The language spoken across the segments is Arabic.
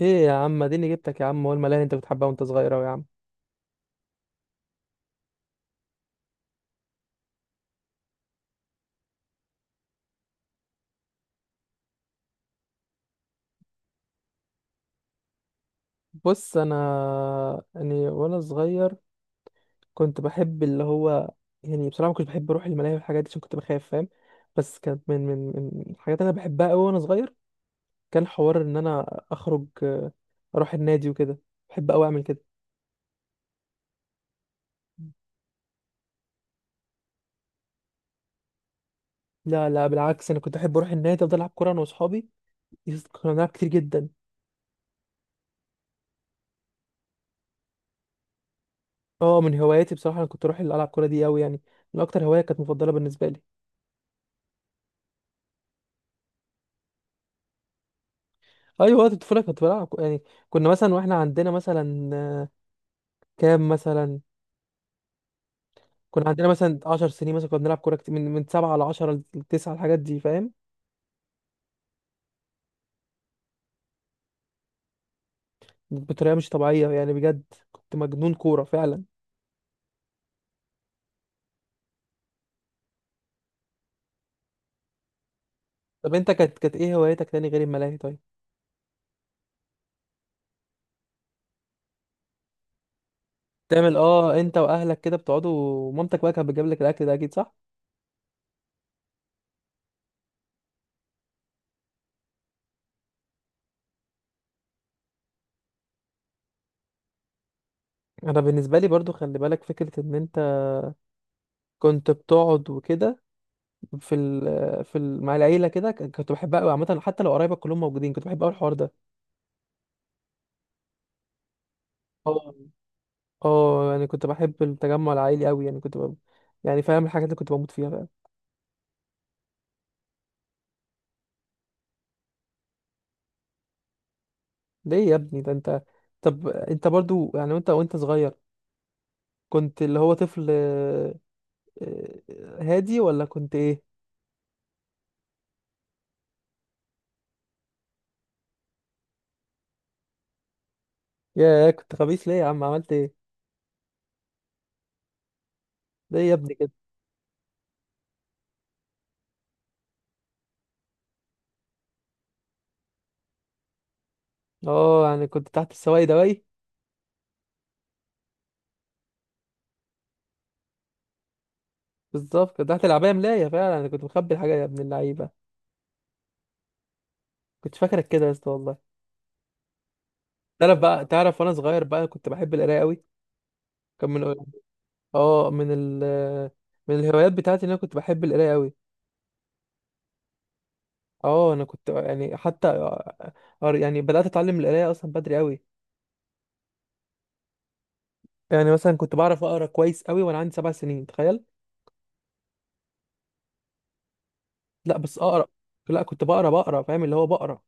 ايه يا عم، اديني جبتك يا عم. هو الملاهي اللي انت بتحبها وانت صغير اوي يا عم؟ بص، انا يعني وانا صغير كنت بحب اللي هو، يعني بصراحه ما كنتش بحب اروح الملاهي والحاجات دي عشان كنت بخاف، فاهم؟ بس كانت من الحاجات اللي انا بحبها قوي وانا صغير. كان حوار ان انا اخرج اروح النادي وكده. بحب قوي اعمل كده. لا، لا، بالعكس، انا كنت احب اروح النادي، افضل العب كوره انا واصحابي. كنا بنلعب كتير جدا. اه، من هواياتي بصراحه انا كنت اروح العب كوره دي قوي يعني. من اكتر هوايه كانت مفضله بالنسبه لي. ايوه، وقت الطفوله كنت بلعب يعني. كنا مثلا واحنا عندنا مثلا كام مثلا، كنا عندنا مثلا 10 سنين، مثلا كنا بنلعب كوره كتير من 7 ل 10 ل 9، الحاجات دي، فاهم؟ بطريقه مش طبيعيه يعني، بجد كنت مجنون كوره فعلا. طب انت كانت ايه هوايتك تاني غير الملاهي، طيب؟ تعمل انت واهلك كده بتقعدوا، ومامتك بقى كانت بتجيب لك الاكل ده اكيد، صح؟ انا بالنسبه لي برضو خلي بالك فكره ان انت كنت بتقعد وكده في ال في ال مع العيله كده كنت بحبها قوي عامه، حتى لو قرايبك كلهم موجودين كنت بحب قوي الحوار ده. اه يعني كنت بحب التجمع العائلي قوي، يعني كنت يعني فاهم الحاجات اللي كنت بموت فيها، فاهم؟ ليه يا ابني، ده انت. طب انت برضو يعني وانت صغير كنت اللي هو طفل، هادي ولا كنت ايه؟ يا، كنت خبيث ليه يا عم؟ عملت ايه؟ ليه يا ابني كده؟ اه يعني كنت تحت السواق دواي. بالظبط، كنت تحت العباية ملاية، فعلا انا كنت مخبي الحاجة يا ابن اللعيبة. كنت فاكرك كده يا اسطى والله. تعرف بقى، تعرف وانا صغير بقى كنت بحب القراية قوي. كان من اه من ال من الهوايات بتاعتي، ان انا كنت بحب القرايه قوي. اه، انا كنت يعني حتى يعني بدأت اتعلم القراية اصلا بدري قوي. يعني مثلا كنت بعرف اقرا كويس قوي وانا عندي 7 سنين، تخيل. لا، بس اقرا. لا، كنت بقرا، فاهم؟ اللي هو بقرا.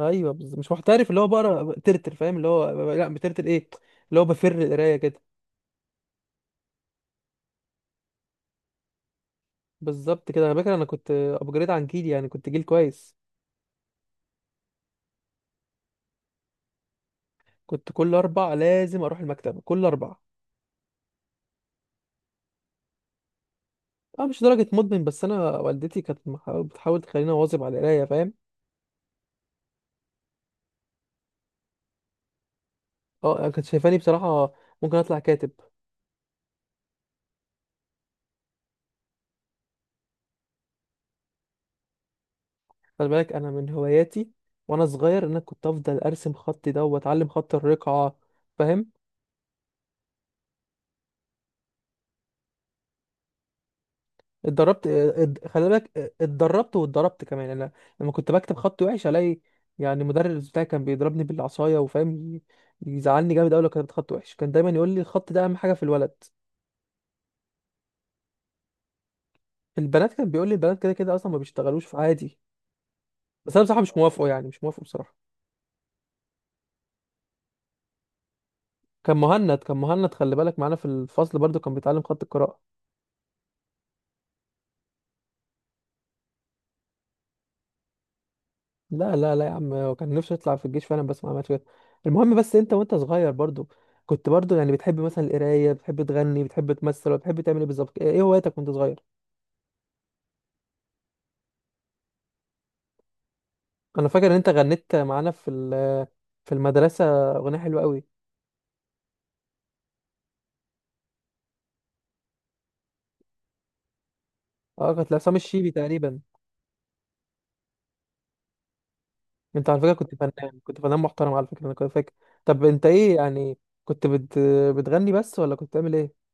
ايوه مش محترف، اللي هو بقرا ترتر، فاهم؟ اللي هو لا بترتر، ايه؟ اللي هو بفر القراية كده. بالظبط كده، انا فاكر انا كنت ابجريد عن جيلي يعني، كنت جيل كويس. كنت كل اربع لازم اروح المكتبة كل اربع. اه، مش درجة مدمن، بس انا والدتي كانت بتحاول تخليني اواظب على القراية، فاهم؟ اه، كانت شايفاني بصراحة ممكن اطلع كاتب. خلي بالك انا من هواياتي وانا صغير، ان انا كنت افضل ارسم خطي ده واتعلم خط الرقعه، فاهم؟ اتدربت خلي بالك، اتدربت واتضربت كمان انا. لما كنت بكتب خطي وحش الاقي يعني المدرس بتاعي كان بيضربني بالعصايه، وفاهم يزعلني جامد قوي لو كتبت خط وحش. كان دايما يقول لي الخط ده اهم حاجه في الولد. البنات كان بيقول لي البنات كده كده اصلا ما بيشتغلوش في، عادي. بس انا بصراحه مش موافقه، يعني مش موافقه بصراحه. كان مهند خلي بالك معانا في الفصل برضو كان بيتعلم خط القراءه. لا، لا، لا، يا عم، هو كان نفسه يطلع في الجيش فعلا بس ما عملش كده. المهم، بس انت وانت صغير برضو كنت برضو يعني، بتحب مثلا القرايه، بتحب تغني، بتحب تمثل ولا بتحب تعمل ايه بالظبط؟ ايه هواياتك وانت صغير؟ انا فاكر ان انت غنيت معانا في المدرسه اغنيه حلوه قوي. اه، كانت لعصام الشيبي تقريبا. انت على فكره كنت فنان، كنت فنان محترم على فكره، انا كنت فاكر. طب انت ايه يعني، كنت بتغني بس ولا كنت بتعمل ايه؟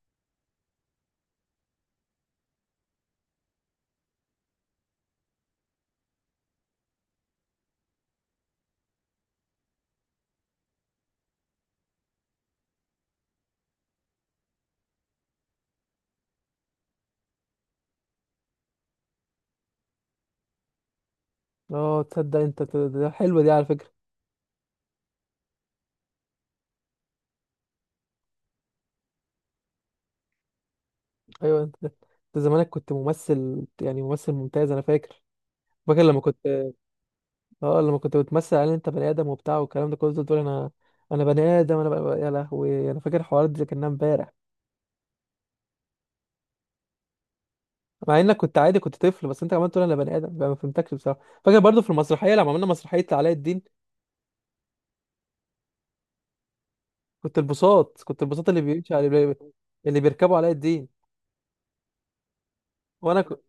اه تصدق، انت ده حلوه دي على فكره. ايوه انت زمانك كنت ممثل يعني، ممثل ممتاز، انا فاكر لما كنت بتمثل على ان انت بني ادم وبتاع والكلام ده كله، تقول انا انا بني ادم، يا لهوي، انا فاكر الحوار ده كانها امبارح. مع انك كنت عادي، كنت طفل، بس انت عمال تقول انا بني ادم، ما فهمتكش بصراحه. فاكر برضو في المسرحيه لما عملنا مسرحيه علاء الدين. كنت البساط اللي بيمشي على اللي بيركبوا علاء الدين. وانا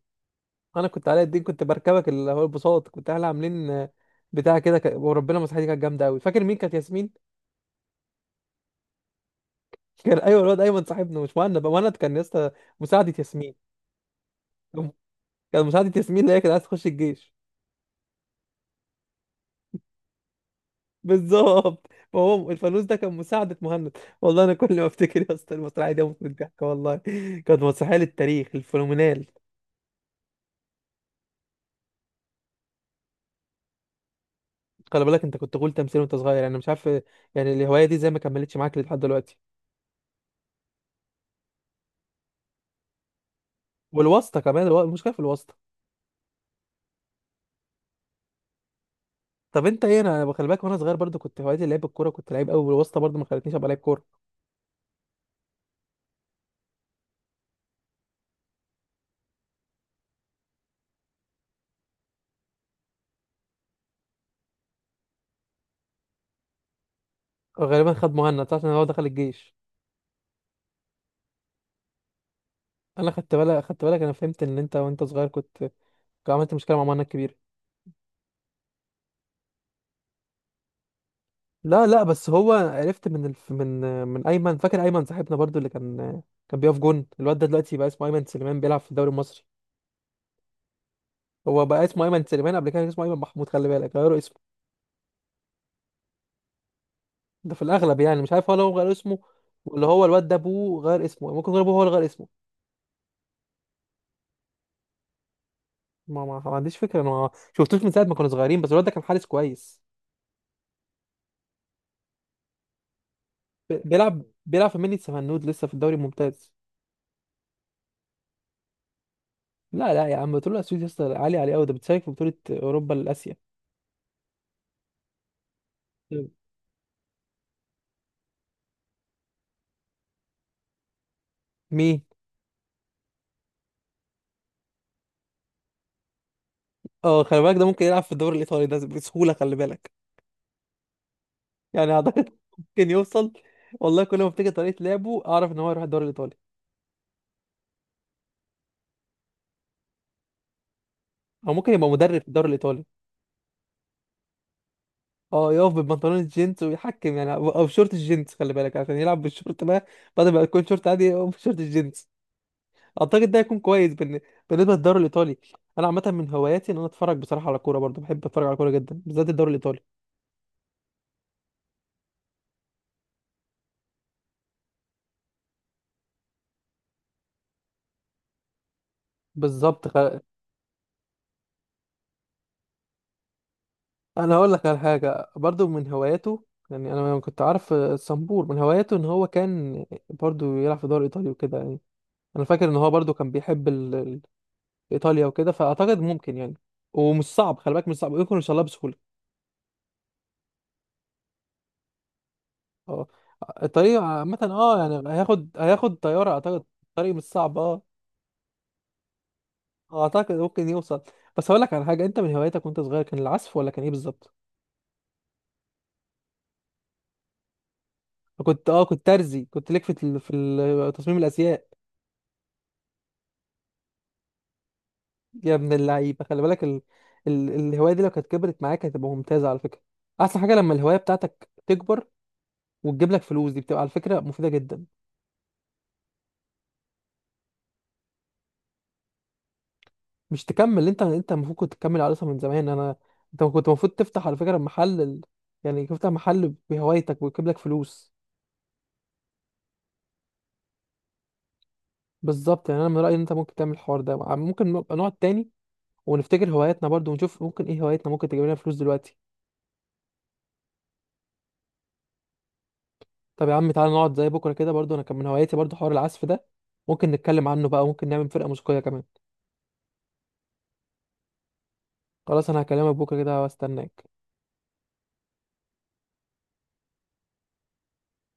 انا كنت علاء الدين، كنت بركبك اللي هو البساط. كنت احنا عاملين بتاع كده وربنا المسرحيه دي كانت جامده قوي. فاكر مين كانت ياسمين؟ كان، ايوه الواد ايمن صاحبنا، مش مهند، بقى مهند كان يا اسطى مساعده ياسمين. كان مساعدة ياسمين اللي هي كانت عايزة تخش الجيش. بالظبط، فهو الفانوس ده كان مساعدة مهند. والله أنا كل ما أفتكر يا اسطى المسرحية دي أموت من الضحك والله. كانت مسرحية للتاريخ، الفينومينال. خلي بالك، أنت كنت تقول تمثيل وأنت صغير يعني مش عارف، يعني الهواية دي زي ما كملتش معاك لحد دلوقتي. والواسطة كمان، المشكلة في الواسطة. طب أنت إيه؟ أنا خلي بالك، وأنا صغير برضو كنت هوايتي لعب الكورة، كنت لعيب أوي، والواسطة برضو ما خلتنيش أبقى لعيب كورة. غالبا خد مهند، صح؟ عشان هو دخل الجيش. أنا خدت بالك، خدت بالك، أنا فهمت إن أنت وأنت صغير كنت عملت مشكلة مع مهند كبيرة. لا، لا، بس هو عرفت من ايمن. فاكر ايمن صاحبنا برضو، اللي كان بيقف جون، الواد ده دلوقتي بقى اسمه ايمن سليمان، بيلعب في الدوري المصري. هو بقى اسمه ايمن سليمان، قبل كده كان اسمه ايمن محمود، خلي بالك غيروا اسمه. ده في الاغلب يعني، مش عارف هو لو غير اسمه ولا هو الواد ده ابوه غير اسمه. ممكن يكون ابوه هو اللي غير اسمه. ما عنديش فكره، انا ما شفتوش من ساعه ما كنا صغيرين، بس الواد ده كان حارس كويس. بيلعب في مني سفنود لسه في الدوري الممتاز. لا، لا، يا عم بتقول له اسيوط يا اسطى؟ عالي عليه قوي، ده بتشارك في بطوله اوروبا لاسيا. مين؟ اه خلي بالك، ده ممكن يلعب في الدوري الايطالي ده بسهوله، خلي بالك، يعني اعتقد ممكن يوصل. والله كل ما افتكر طريقه لعبه اعرف ان هو يروح الدوري الايطالي. او ممكن يبقى مدرب في الدوري الايطالي. اه، يقف ببنطلون الجينز ويحكم يعني، او بشورت الجينز، خلي بالك عشان يلعب بالشورت بقى، بدل ما يكون شورت عادي يقف بشورت الجينز. اعتقد ده هيكون كويس بالنسبه للدوري الايطالي. انا عامه من هواياتي ان انا اتفرج بصراحه على كوره، برضه بحب اتفرج على كوره جدا، بالذات الدوري الايطالي. بالظبط، انا هقول لك على حاجه برضو من هواياته. يعني انا لما كنت عارف الصنبور من هواياته ان هو كان برضو يلعب في دوري ايطالي وكده يعني. انا فاكر ان هو برضو كان بيحب ايطاليا وكده، فاعتقد ممكن يعني. ومش صعب، خلي بالك مش صعب، يمكن يوصلها بسهوله. اه، الطريق عامه اه يعني، هياخد طياره، اعتقد الطريق مش صعب، اه. اعتقد ممكن يوصل. بس هقول لك على حاجه، انت من هواياتك وانت صغير كان العزف ولا كان ايه بالظبط؟ كنت ترزي، كنت ليك تصميم الازياء. يا ابن اللعيبه، خلي بالك الهوايه دي لو كانت كبرت معاك هتبقى ممتازه على فكره. احسن حاجه لما الهوايه بتاعتك تكبر وتجيب لك فلوس، دي بتبقى على فكره مفيده جدا. مش تكمل انت المفروض كنت تكمل على اصلا من زمان. انا انت كنت المفروض تفتح على فكره محل، يعني تفتح محل بهوايتك ويجيب لك فلوس. بالظبط يعني، انا من رايي ان انت ممكن تعمل الحوار ده، ممكن نبقى نقعد تاني ونفتكر هواياتنا برضو، ونشوف ممكن ايه هواياتنا ممكن تجيب لنا فلوس دلوقتي. طب يا عم، تعالى نقعد زي بكره كده، برضو انا كان من هواياتي برضو حوار العزف ده، ممكن نتكلم عنه بقى وممكن نعمل فرقه موسيقيه كمان. خلاص، انا هكلمك بكره كده واستناك.